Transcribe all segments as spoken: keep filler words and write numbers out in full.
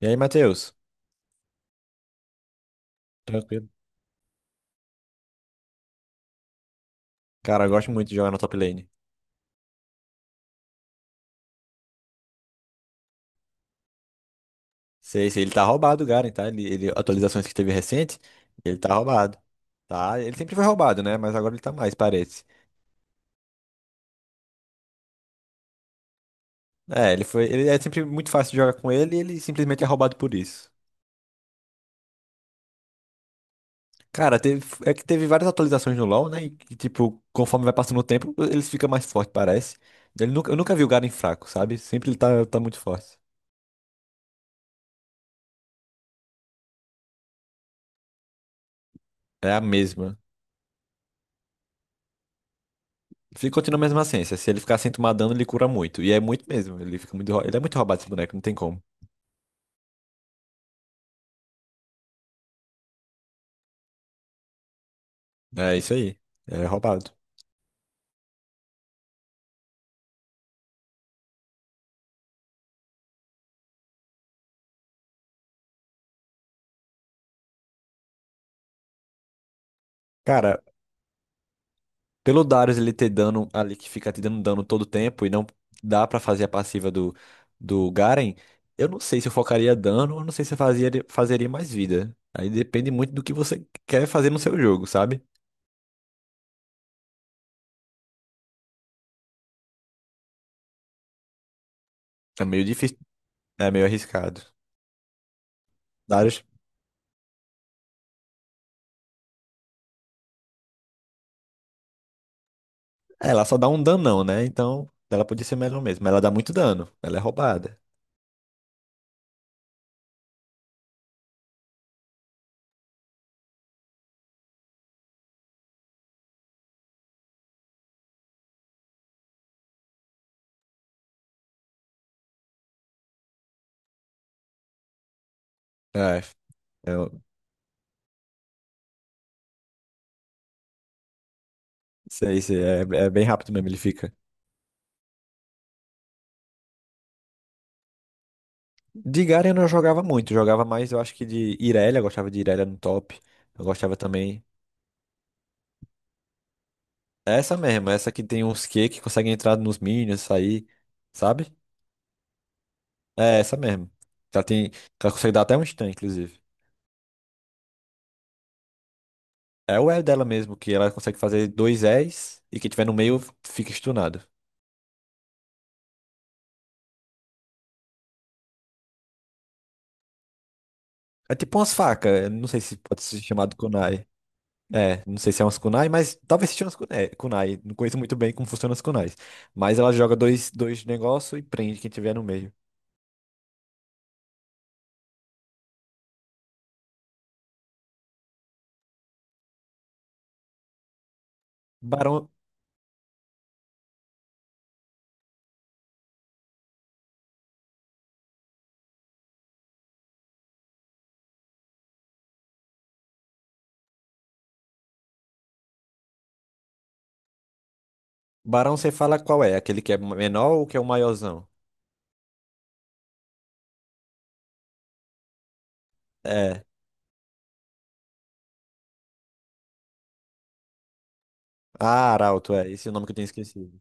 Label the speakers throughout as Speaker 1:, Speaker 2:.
Speaker 1: E aí, Matheus? Tranquilo. Cara, eu gosto muito de jogar na top lane. Sei, sei, ele tá roubado, o Garen, tá? Ele, ele- atualizações que teve recente, ele tá roubado. Tá? Ele sempre foi roubado, né? Mas agora ele tá mais, parece. É, ele foi. Ele é sempre muito fácil de jogar com ele e ele simplesmente é roubado por isso. Cara, teve, é que teve várias atualizações no LoL, né? E, que, tipo, conforme vai passando o tempo, eles ficam mais fortes, parece. Ele nunca, eu nunca vi o Garen fraco, sabe? Sempre ele tá, tá muito forte. É a mesma. Se continua a mesma ciência, se ele ficar sem tomar dano, ele cura muito. E é muito mesmo. Ele fica muito, rou- ele é muito roubado esse boneco, não tem como. É isso aí. É roubado. Cara, pelo Darius ele ter dano ali que fica te dando dano todo tempo e não dá pra fazer a passiva do, do Garen, eu não sei se eu focaria dano, eu não sei se eu fazia, fazeria mais vida. Aí depende muito do que você quer fazer no seu jogo, sabe? É meio difícil, é meio arriscado. Darius, é, ela só dá um danão, né? Então, ela podia ser melhor mesmo. Mas ela dá muito dano, ela é roubada. É. É Sei, sei, é, é bem rápido mesmo, ele fica. De Garen eu não jogava muito, jogava mais, eu acho que de Irelia, eu gostava de Irelia no top. Eu gostava também. É essa mesmo, é essa que tem uns Q que conseguem entrar nos minions, sair, sabe? É essa mesmo. Ela tem, ela consegue dar até um stun, inclusive. É o E dela mesmo, que ela consegue fazer dois Es e quem tiver no meio fica stunado. É tipo umas facas, eu não sei se pode ser chamado kunai. É, não sei se é umas kunai, mas talvez seja umas kunai. É, kunai. Não conheço muito bem como funcionam as kunais. Mas ela joga dois, dois negócios e prende quem tiver no meio. Barão, barão, você fala qual é? Aquele que é menor ou que é o maiorzão? É. Ah, arauto, é. Esse é o nome que eu tenho esquecido.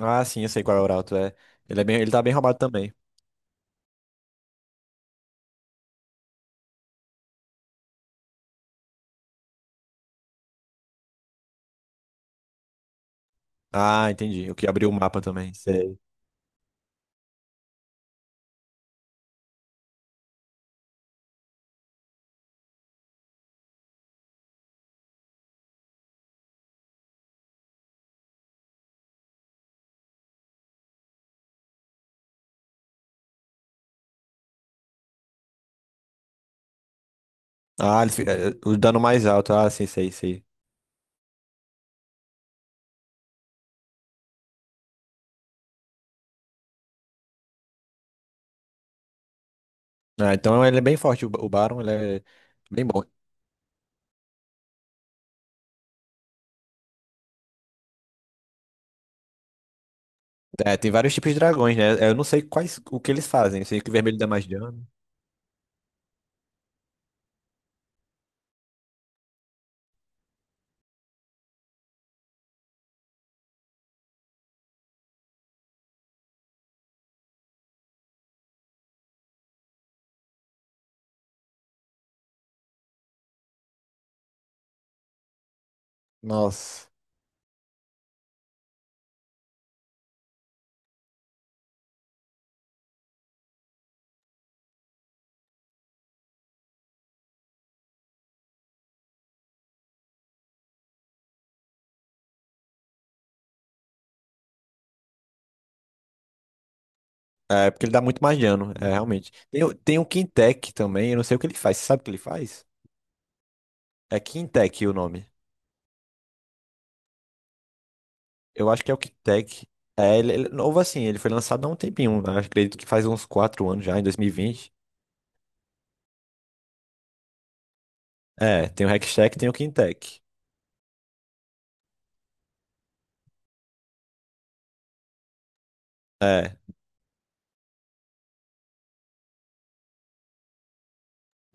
Speaker 1: Ah, sim, eu sei qual é o arauto, é. Ele, é bem, ele tá bem roubado também. Ah, entendi. O que abriu o mapa também, sei. Ah, ele fica, é, o dano mais alto. Ah, sim, sei, sei. Ah, então ele é bem forte, o, Ba- o Baron, ele é bem bom. É, tem vários tipos de dragões, né? É, eu não sei quais, o que eles fazem. Eu sei que o vermelho dá mais dano. Nossa. É, porque ele dá muito mais dano, é, realmente. Tem, o- tem o Quintec também, eu não sei o que ele faz. Você sabe o que ele faz? É Quintec o nome. Eu acho que é o Quintec. É, ele, ele é novo assim, ele foi lançado há um tempinho. Eu acredito que faz uns quatro anos já, em dois mil e vinte. É, tem o Hextech, e tem o Quintec. É,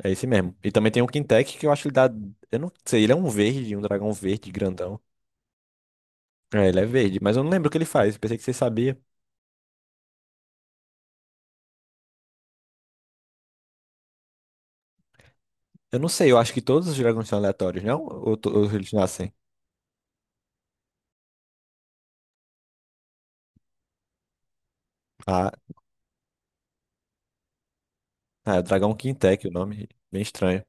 Speaker 1: é esse mesmo. E também tem o Quintec que eu acho que ele dá. Eu não sei, ele é um verde, um dragão verde grandão. É, ele é verde, mas eu não lembro o que ele faz. Pensei que você sabia. Eu não sei, eu acho que todos os dragões são aleatórios, não? Ou, to- ou eles nascem? Ah, ah, é Dragão Quintec, o nome. Bem estranho.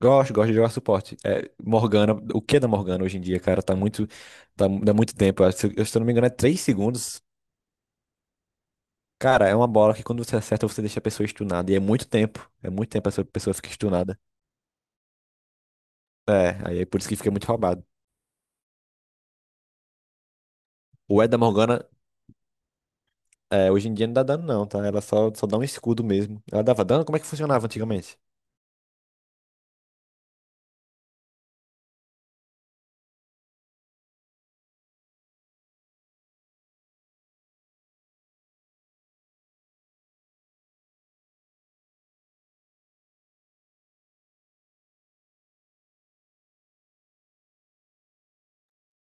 Speaker 1: Gosto, gosto de jogar suporte. É, Morgana, o que é da Morgana hoje em dia, cara? Tá muito. Tá, dá muito tempo. Eu, se eu se eu não me engano, é três segundos. Cara, é uma bola que quando você acerta, você deixa a pessoa estunada. E é muito tempo. É muito tempo essa pessoa fica estunada. É, aí é por isso que fica muito roubado. O E da Morgana, é, hoje em dia não dá dano, não, tá? Ela só, só dá um escudo mesmo. Ela dava dano? Como é que funcionava antigamente?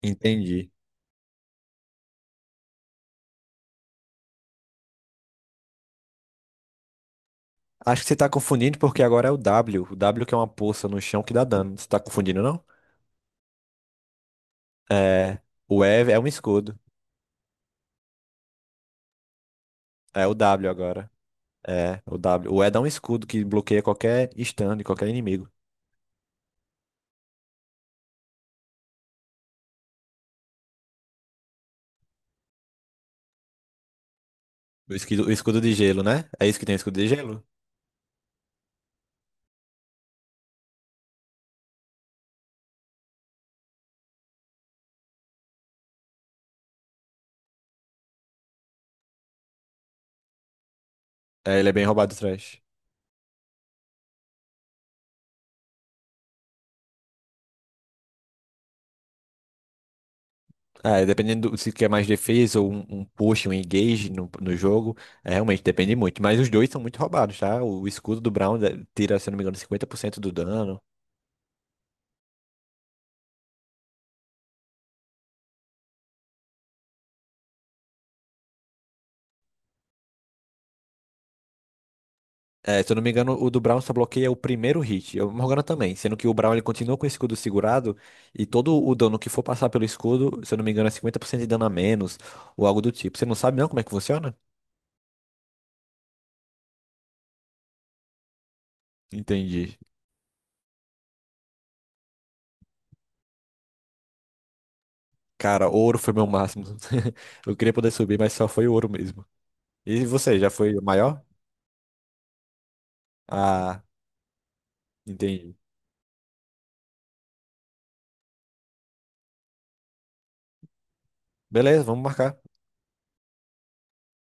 Speaker 1: Entendi. Acho que você tá confundindo porque agora é o W. O W que é uma poça no chão que dá dano. Você tá confundindo, não? É. O E é um escudo. É o W agora. É, o W. O E dá um escudo que bloqueia qualquer stand, qualquer inimigo. O escudo, o escudo de gelo, né? É isso que tem o escudo de gelo? É, ele é bem roubado atrás. É, dependendo do- se quer mais defesa ou um, um push, um engage no, no jogo, é, realmente depende muito. Mas os dois são muito roubados, tá? O escudo do Brown eh, tira, se eu não me engano, cinquenta por cento do dano. É, se eu não me engano, o do Brown só bloqueia o primeiro hit. E o Morgana também. Sendo que o Brown ele continua com o escudo segurado. E todo o dano que for passar pelo escudo, se eu não me engano, é cinquenta por cento de dano a menos. Ou algo do tipo. Você não sabe não como é que funciona? Entendi. Cara, ouro foi meu máximo. Eu queria poder subir, mas só foi ouro mesmo. E você, já foi o maior? Ah, entendi. Beleza, vamos marcar.